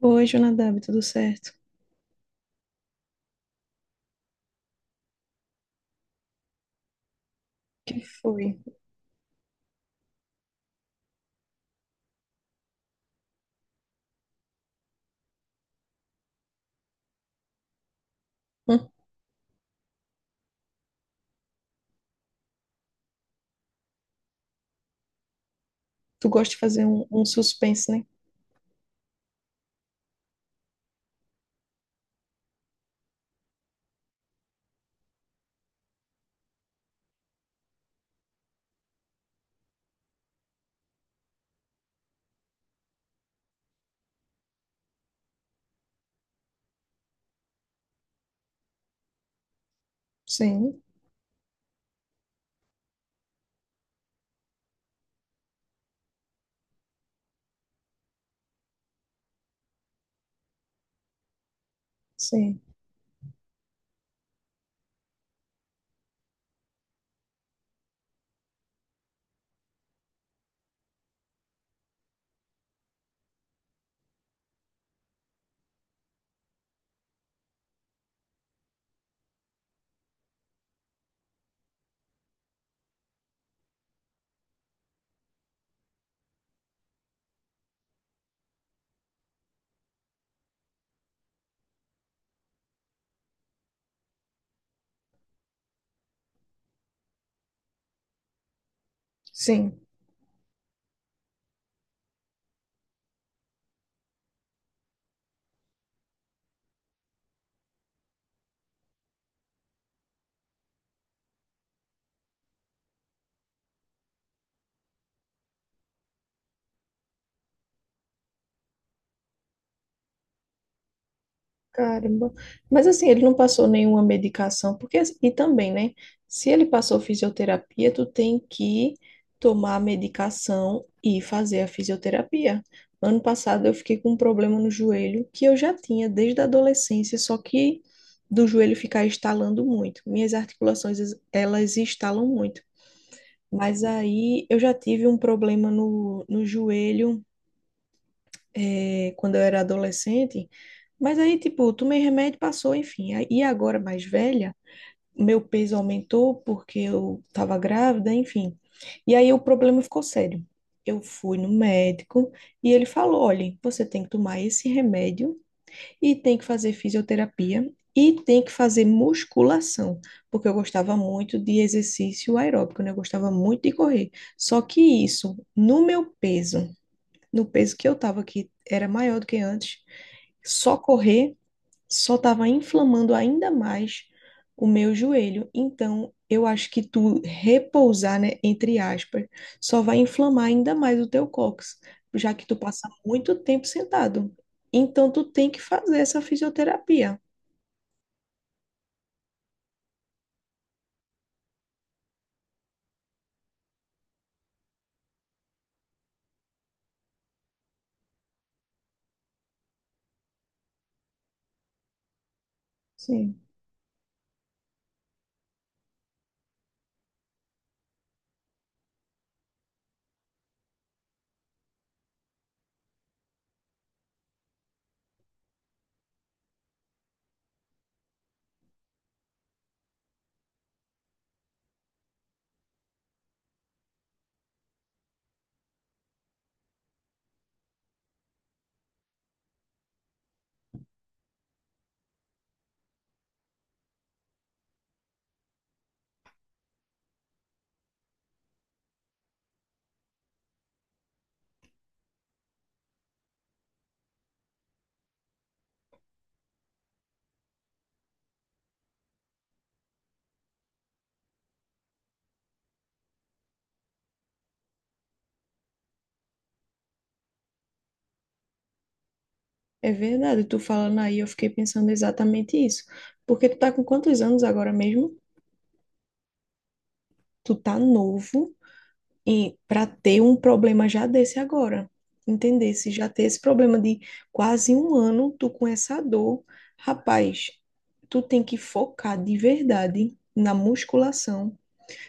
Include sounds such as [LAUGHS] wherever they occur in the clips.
Oi, Jonadab, tudo certo? O Que foi? Hum, tu gosta de fazer um suspense, né? Sim, sim, sim. Caramba. Mas assim, ele não passou nenhuma medicação, porque e também, né? Se ele passou fisioterapia, tu tem que tomar a medicação e fazer a fisioterapia. Ano passado eu fiquei com um problema no joelho que eu já tinha desde a adolescência, só que do joelho ficar estalando muito. Minhas articulações, elas estalam muito. Mas aí eu já tive um problema no joelho, eh, quando eu era adolescente. Mas aí, tipo, tomei remédio, passou, enfim. Aí- E agora, mais velha, meu peso aumentou porque eu tava grávida, enfim. E aí o problema ficou sério. Eu fui no médico e ele falou: olha, você tem que tomar esse remédio e tem que fazer fisioterapia e tem que fazer musculação, porque eu gostava muito de exercício aeróbico, né? Eu gostava muito de correr. Só que isso, no meu peso, no peso que eu tava, que era maior do que antes, só correr só estava inflamando ainda mais o meu joelho. Então, eu acho que tu repousar, né, entre aspas, só vai inflamar ainda mais o teu cóccix, já que tu passa muito tempo sentado. Então, tu tem que fazer essa fisioterapia. Sim, é verdade. Tu falando aí, eu fiquei pensando exatamente isso. Porque tu tá com quantos anos agora mesmo? Tu tá novo. E para ter um problema já desse agora, entender se já ter esse problema de quase um ano, tu com essa dor, rapaz, tu tem que focar de verdade na musculação,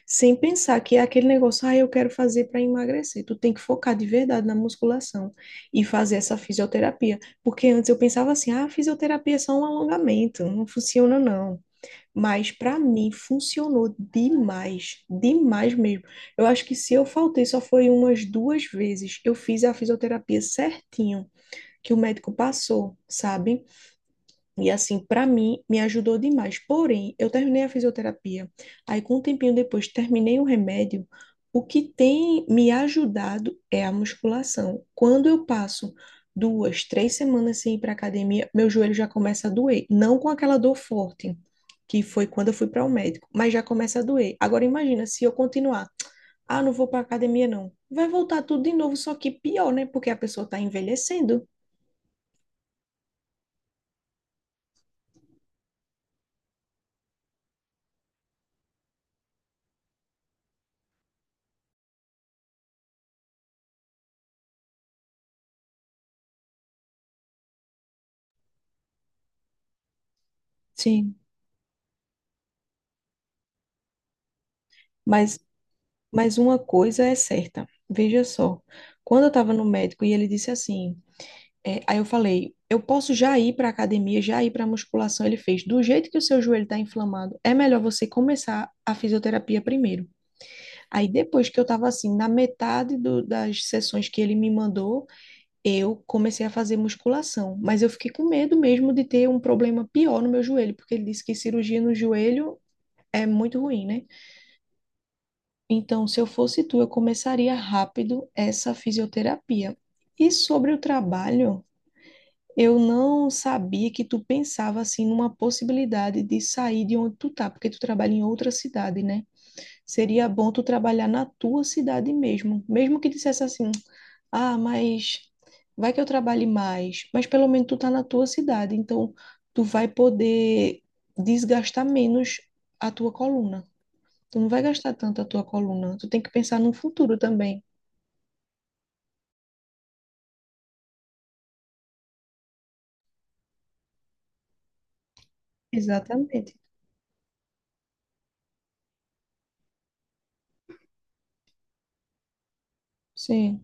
sem pensar que é aquele negócio, ah, eu quero fazer para emagrecer. Tu tem que focar de verdade na musculação e fazer essa fisioterapia, porque antes eu pensava assim, ah, fisioterapia é só um alongamento, não funciona não. Mas para mim funcionou demais, demais mesmo. Eu acho que se eu faltei só foi umas duas vezes. Eu fiz a fisioterapia certinho que o médico passou, sabe? E assim, para mim, me ajudou demais. Porém, eu terminei a fisioterapia. Aí, com um tempinho depois, terminei o remédio. O que tem me ajudado é a musculação. Quando eu passo duas, três semanas sem ir para academia, meu joelho já começa a doer. Não com aquela dor forte, que foi quando eu fui para o médico, mas já começa a doer. Agora, imagina se eu continuar. Ah, não vou para academia, não. Vai voltar tudo de novo, só que pior, né? Porque a pessoa está envelhecendo. Sim. Mas Mas uma coisa é certa, veja só. Quando eu estava no médico e ele disse assim, é, aí eu falei, eu posso já ir para academia, já ir para musculação. Ele fez, do jeito que o seu joelho está inflamado, é melhor você começar a fisioterapia primeiro. Aí depois que eu estava assim, na metade do- das sessões que ele me mandou, eu comecei a fazer musculação. Mas eu fiquei com medo mesmo de ter um problema pior no meu joelho, porque ele disse que cirurgia no joelho é muito ruim, né? Então, se eu fosse tu, eu começaria rápido essa fisioterapia. E sobre o trabalho, eu não sabia que tu pensava assim numa possibilidade de sair de onde tu tá, porque tu trabalha em outra cidade, né? Seria bom tu trabalhar na tua cidade mesmo, mesmo que dissesse assim: "Ah, mas vai que eu trabalhe mais", mas pelo menos tu tá na tua cidade, então tu vai poder desgastar menos a tua coluna. Tu não vai gastar tanto a tua coluna. Tu tem que pensar no futuro também. Exatamente. Sim.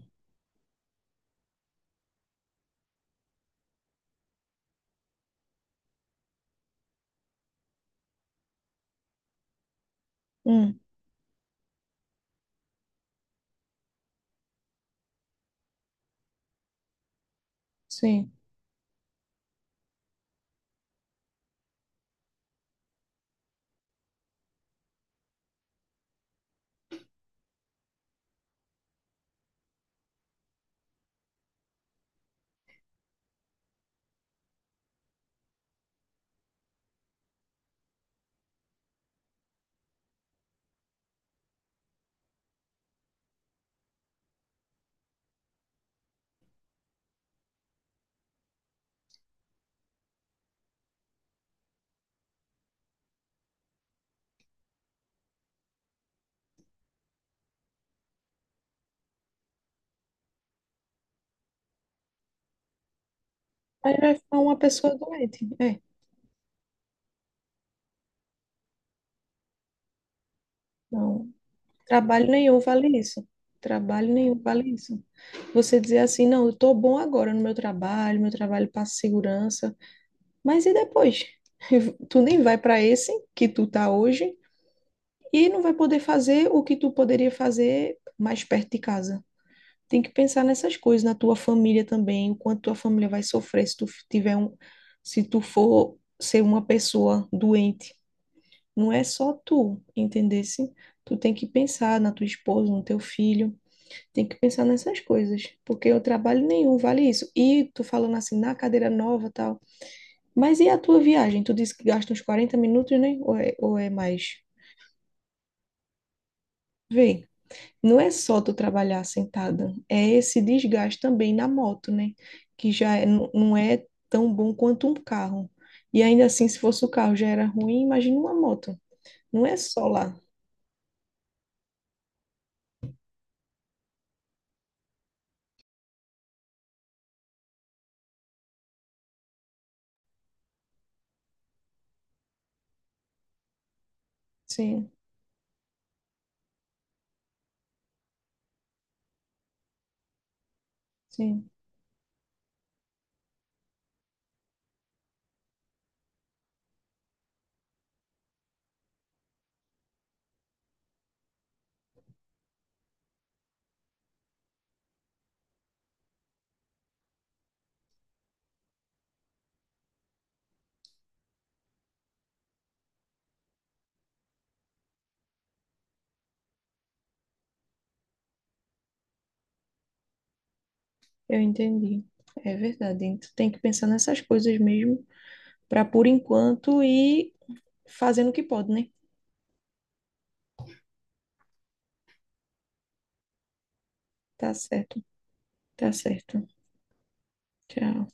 Hum, sim. Aí vai ficar uma pessoa doente. É. Não. Trabalho nenhum vale isso. Trabalho nenhum vale isso. Você dizer assim, não, eu tô bom agora no meu trabalho passa segurança. Mas e depois? [LAUGHS] Tu nem vai para esse que tu tá hoje e não vai poder fazer o que tu poderia fazer mais perto de casa. Tem que pensar nessas coisas, na tua família também, o quanto tua família vai sofrer se tu f- tiver um, se tu for ser uma pessoa doente. Não é só tu, entendesse? Tu tem que pensar na tua esposa, no teu filho, tem que pensar nessas coisas, porque o trabalho nenhum vale isso. E tu falando assim, na cadeira nova, tal. Mas e a tua viagem? Tu disse que gasta uns 40 minutos, né? Ou é mais? Vê. Não é só tu trabalhar sentada, é esse desgaste também na moto, né? Que já é- não é tão bom quanto um carro. E ainda assim, se fosse o carro já era ruim, imagina uma moto. Não é só lá. Sim, sim, eu entendi. É verdade. Hein? Tu tem que pensar nessas coisas mesmo, para por enquanto ir fazendo o que pode, né? Tá certo, tá certo. Tchau.